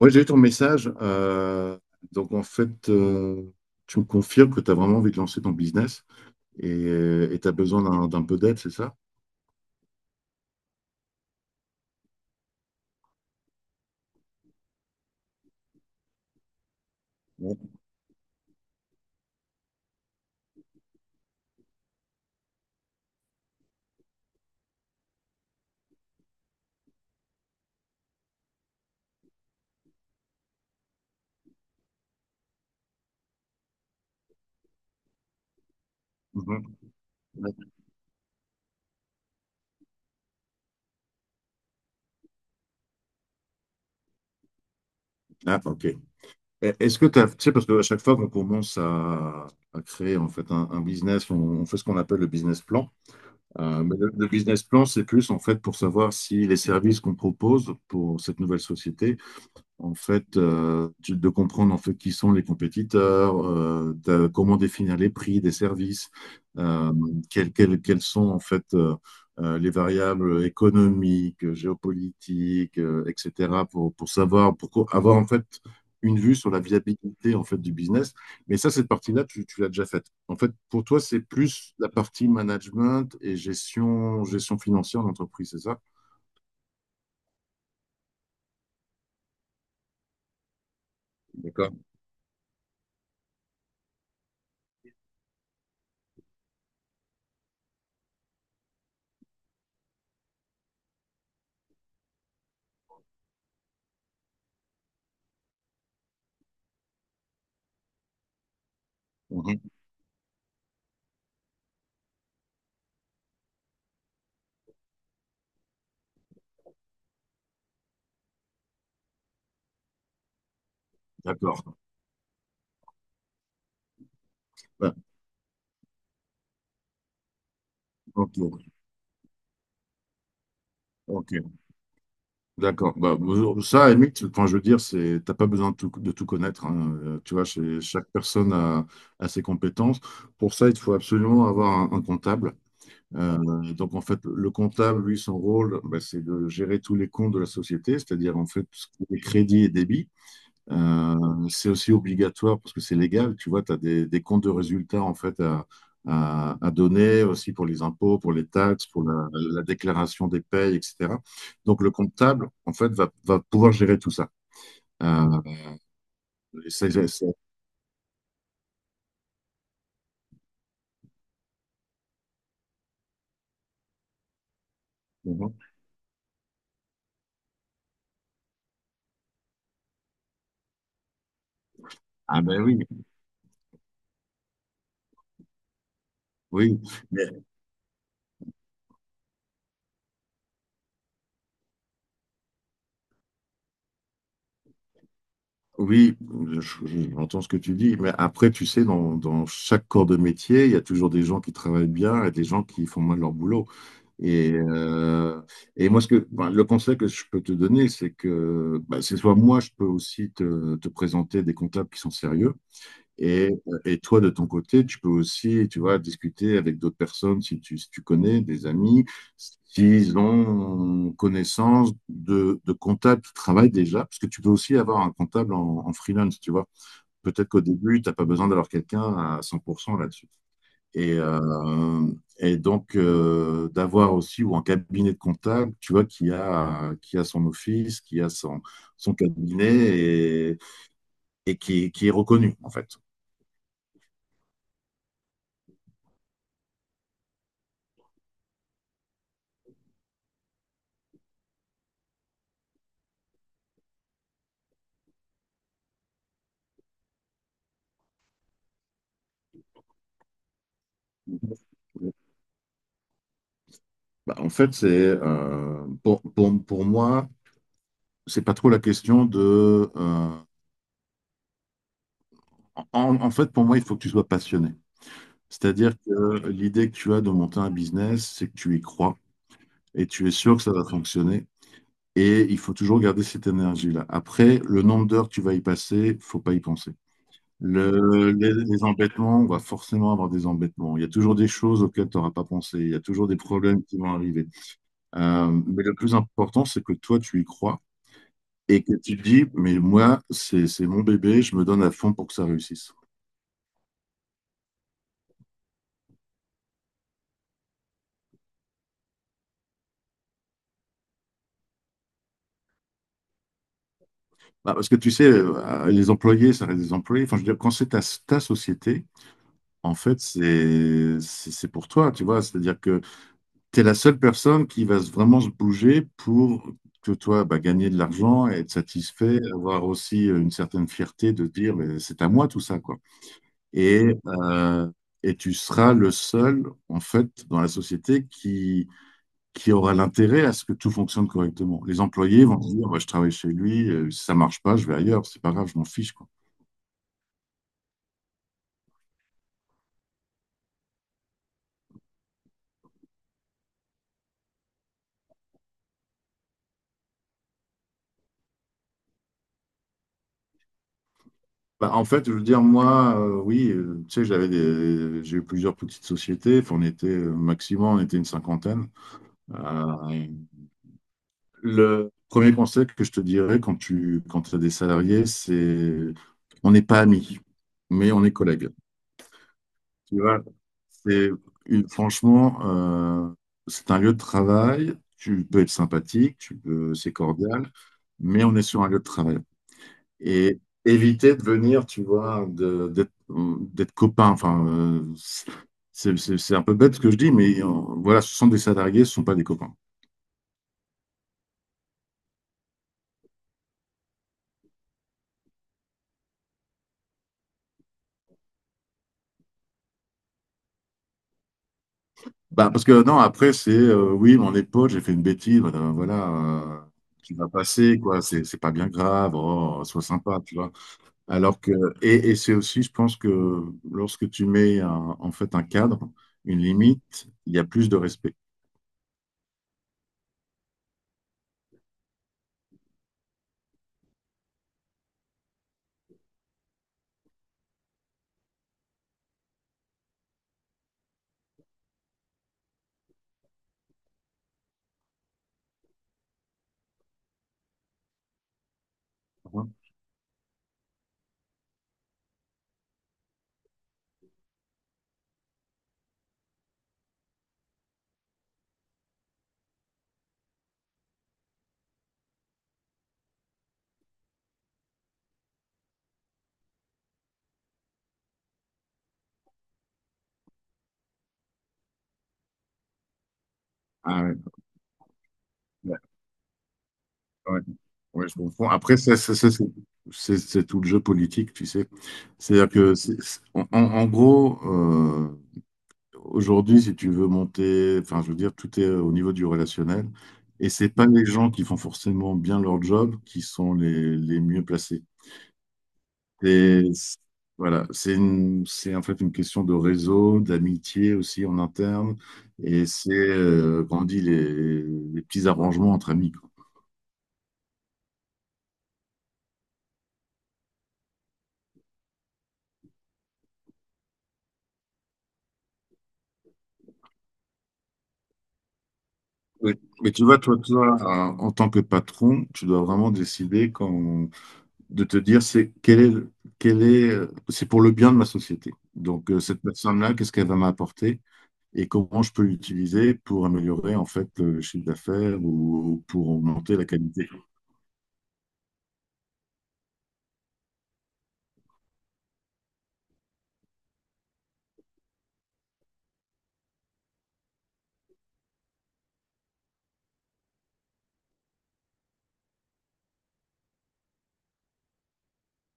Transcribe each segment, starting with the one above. Ouais, j'ai eu ton message. Donc, en fait, tu me confirmes que tu as vraiment envie de lancer ton business et tu as besoin d'un peu d'aide, c'est ça? Ouais. Mhm. Ah, ok. Est-ce que tu as, tu sais, parce qu'à chaque fois qu'on commence à créer en fait un business, on fait ce qu'on appelle le business plan. Mais le business plan, c'est plus en fait pour savoir si les services qu'on propose pour cette nouvelle société en fait, de comprendre en fait qui sont les compétiteurs, comment définir les prix des services, euh, quelles sont en fait les variables économiques, géopolitiques, etc. pour, savoir, avoir en fait une vue sur la viabilité en fait du business. Mais ça, cette partie-là, tu l'as déjà faite. En fait, pour toi, c'est plus la partie management et gestion, financière d'entreprise, c'est ça? D'accord. Mhm. D'accord. Ouais. Ok. Ok. D'accord. Bah, bon, ça, à la limite, enfin, je veux dire, c'est, t'as pas besoin de tout connaître. Hein. Tu vois, chaque personne a ses compétences. Pour ça, il faut absolument avoir un comptable. Donc, en fait, le comptable, lui, son rôle, bah, c'est de gérer tous les comptes de la société, c'est-à-dire, en fait, tout ce qui est crédits et débits. C'est aussi obligatoire parce que c'est légal. Tu vois, tu as des comptes de résultats en fait à donner aussi pour les impôts, pour les taxes, pour la déclaration des payes, etc. Donc le comptable en fait va pouvoir gérer tout ça. Euh, et ça- ça- ça- Ah ben oui, oui, mais oui, je- j'entends ce que tu dis, mais après, tu sais, dans chaque corps de métier, il y a toujours des gens qui travaillent bien et des gens qui font mal leur boulot. Et, euh, et moi, ce que, enfin, le conseil que je peux te donner, c'est que bah, c'est soit moi, je peux aussi te, présenter des comptables qui sont sérieux, et toi, de ton côté, tu peux aussi, tu vois, discuter avec d'autres personnes si tu, connais des amis, s'ils ont connaissance de comptables qui travaillent déjà, parce que tu peux aussi avoir un comptable en freelance, tu vois. Peut-être qu'au début, tu n'as pas besoin d'avoir quelqu'un à 100% là-dessus. Et, euh, et donc, d'avoir aussi, ou un cabinet de comptable, tu vois, qui a son office, qui a son, cabinet et, qui est reconnu, en fait. Bah, en fait, c'est pour moi, c'est pas trop la question de. En fait, pour moi, il faut que tu sois passionné. C'est-à-dire que l'idée que tu as de monter un business, c'est que tu y crois et tu es sûr que ça va fonctionner. Et il faut toujours garder cette énergie-là. Après, le nombre d'heures que tu vas y passer, faut pas y penser. Les embêtements, on va forcément avoir des embêtements. Il y a toujours des choses auxquelles tu n'auras pas pensé. Il y a toujours des problèmes qui vont arriver. Mais le plus important, c'est que toi, tu y crois et que tu te dis, mais moi, c'est, mon bébé, je me donne à fond pour que ça réussisse. Bah, parce que tu sais, les employés, ça reste des employés. Enfin, je veux dire, quand c'est ta société, en fait, c'est pour toi, tu vois. C'est-à-dire que tu es la seule personne qui va vraiment se bouger pour que toi, bah, gagner de l'argent, être satisfait, avoir aussi une certaine fierté de dire, mais c'est à moi tout ça, quoi. Et, euh, et tu seras le seul, en fait, dans la société qui aura l'intérêt à ce que tout fonctionne correctement. Les employés vont se dire, bah, je travaille chez lui, si ça marche pas, je vais ailleurs, c'est pas grave, je m'en fiche, quoi. Bah, en fait, je veux dire, moi, oui, tu sais, j'ai eu plusieurs petites sociétés. Enfin, on était, maximum, on était une cinquantaine. Euh, le premier conseil que je te dirais quand as des salariés, c'est on n'est pas amis, mais on est collègues. Tu vois, c'est franchement, c'est un lieu de travail. Tu peux être sympathique, tu peux, c'est cordial, mais on est sur un lieu de travail. Et éviter de venir, tu vois, d'être copain. Enfin, c'est un peu bête ce que je dis, mais voilà, ce sont des salariés, ce sont pas des copains. Bah, parce que non, après, c'est oui, mon épaule, j'ai fait une bêtise, voilà, voilà, qui va passer, quoi, c'est pas bien grave, oh, sois sympa, tu vois. Alors que, et, c'est aussi, je pense que lorsque tu mets en fait un cadre, une limite, il y a plus de respect. Ah ouais. Ouais. Ouais, je comprends. Après, ça, c'est tout le jeu politique, tu sais. C'est-à-dire que, en gros, aujourd'hui, si tu veux monter, enfin, je veux dire, tout est au niveau du relationnel. Et c'est pas les gens qui font forcément bien leur job qui sont les, mieux placés. Et c'est- voilà, c'est en fait une question de réseau, d'amitié aussi en interne. Et c'est, comment on dit, les, petits arrangements entre amis. Mais, mais tu vois, toi, en tant que patron, tu dois vraiment décider quand, de te dire c'est quel est, le- quel est, c'est pour le bien de ma société. Donc cette personne-là, qu'est-ce qu'elle va m'apporter et comment je peux l'utiliser pour améliorer en fait le chiffre d'affaires ou, pour augmenter la qualité.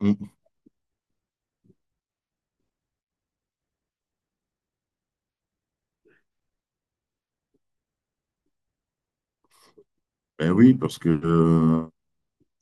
Mm. Ben oui, parce que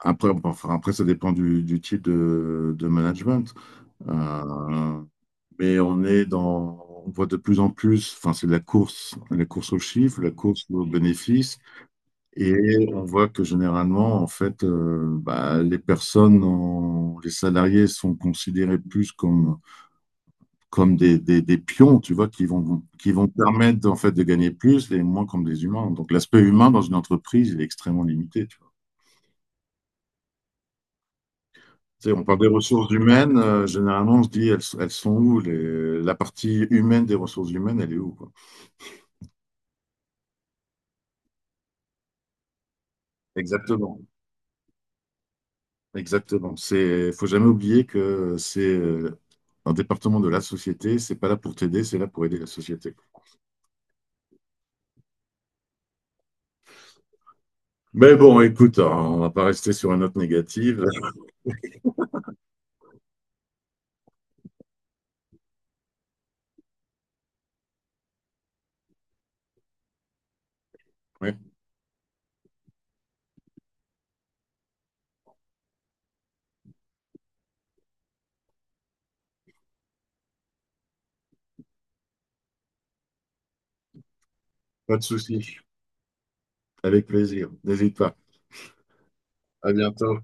après, bon, enfin, après, ça dépend du, type de management. Euh, mais on voit de plus en plus, enfin, c'est la course aux chiffres, la course aux bénéfices. Et on voit que généralement, en fait, bah, les personnes, les salariés sont considérés plus comme, des pions, tu vois, qui vont permettre en fait de gagner plus et moins comme des humains. Donc l'aspect humain dans une entreprise, il est extrêmement limité, tu vois. Tu sais, on parle des ressources humaines, généralement on se dit elles sont où la partie humaine des ressources humaines, elle est où, quoi. Exactement. Exactement. C'est, faut jamais oublier que c'est un département de la société. C'est pas là pour t'aider, c'est là pour aider la société. Mais bon, écoute, hein, on va pas rester sur une note négative. Ouais, pas de souci. Avec plaisir. N'hésite pas. À bientôt.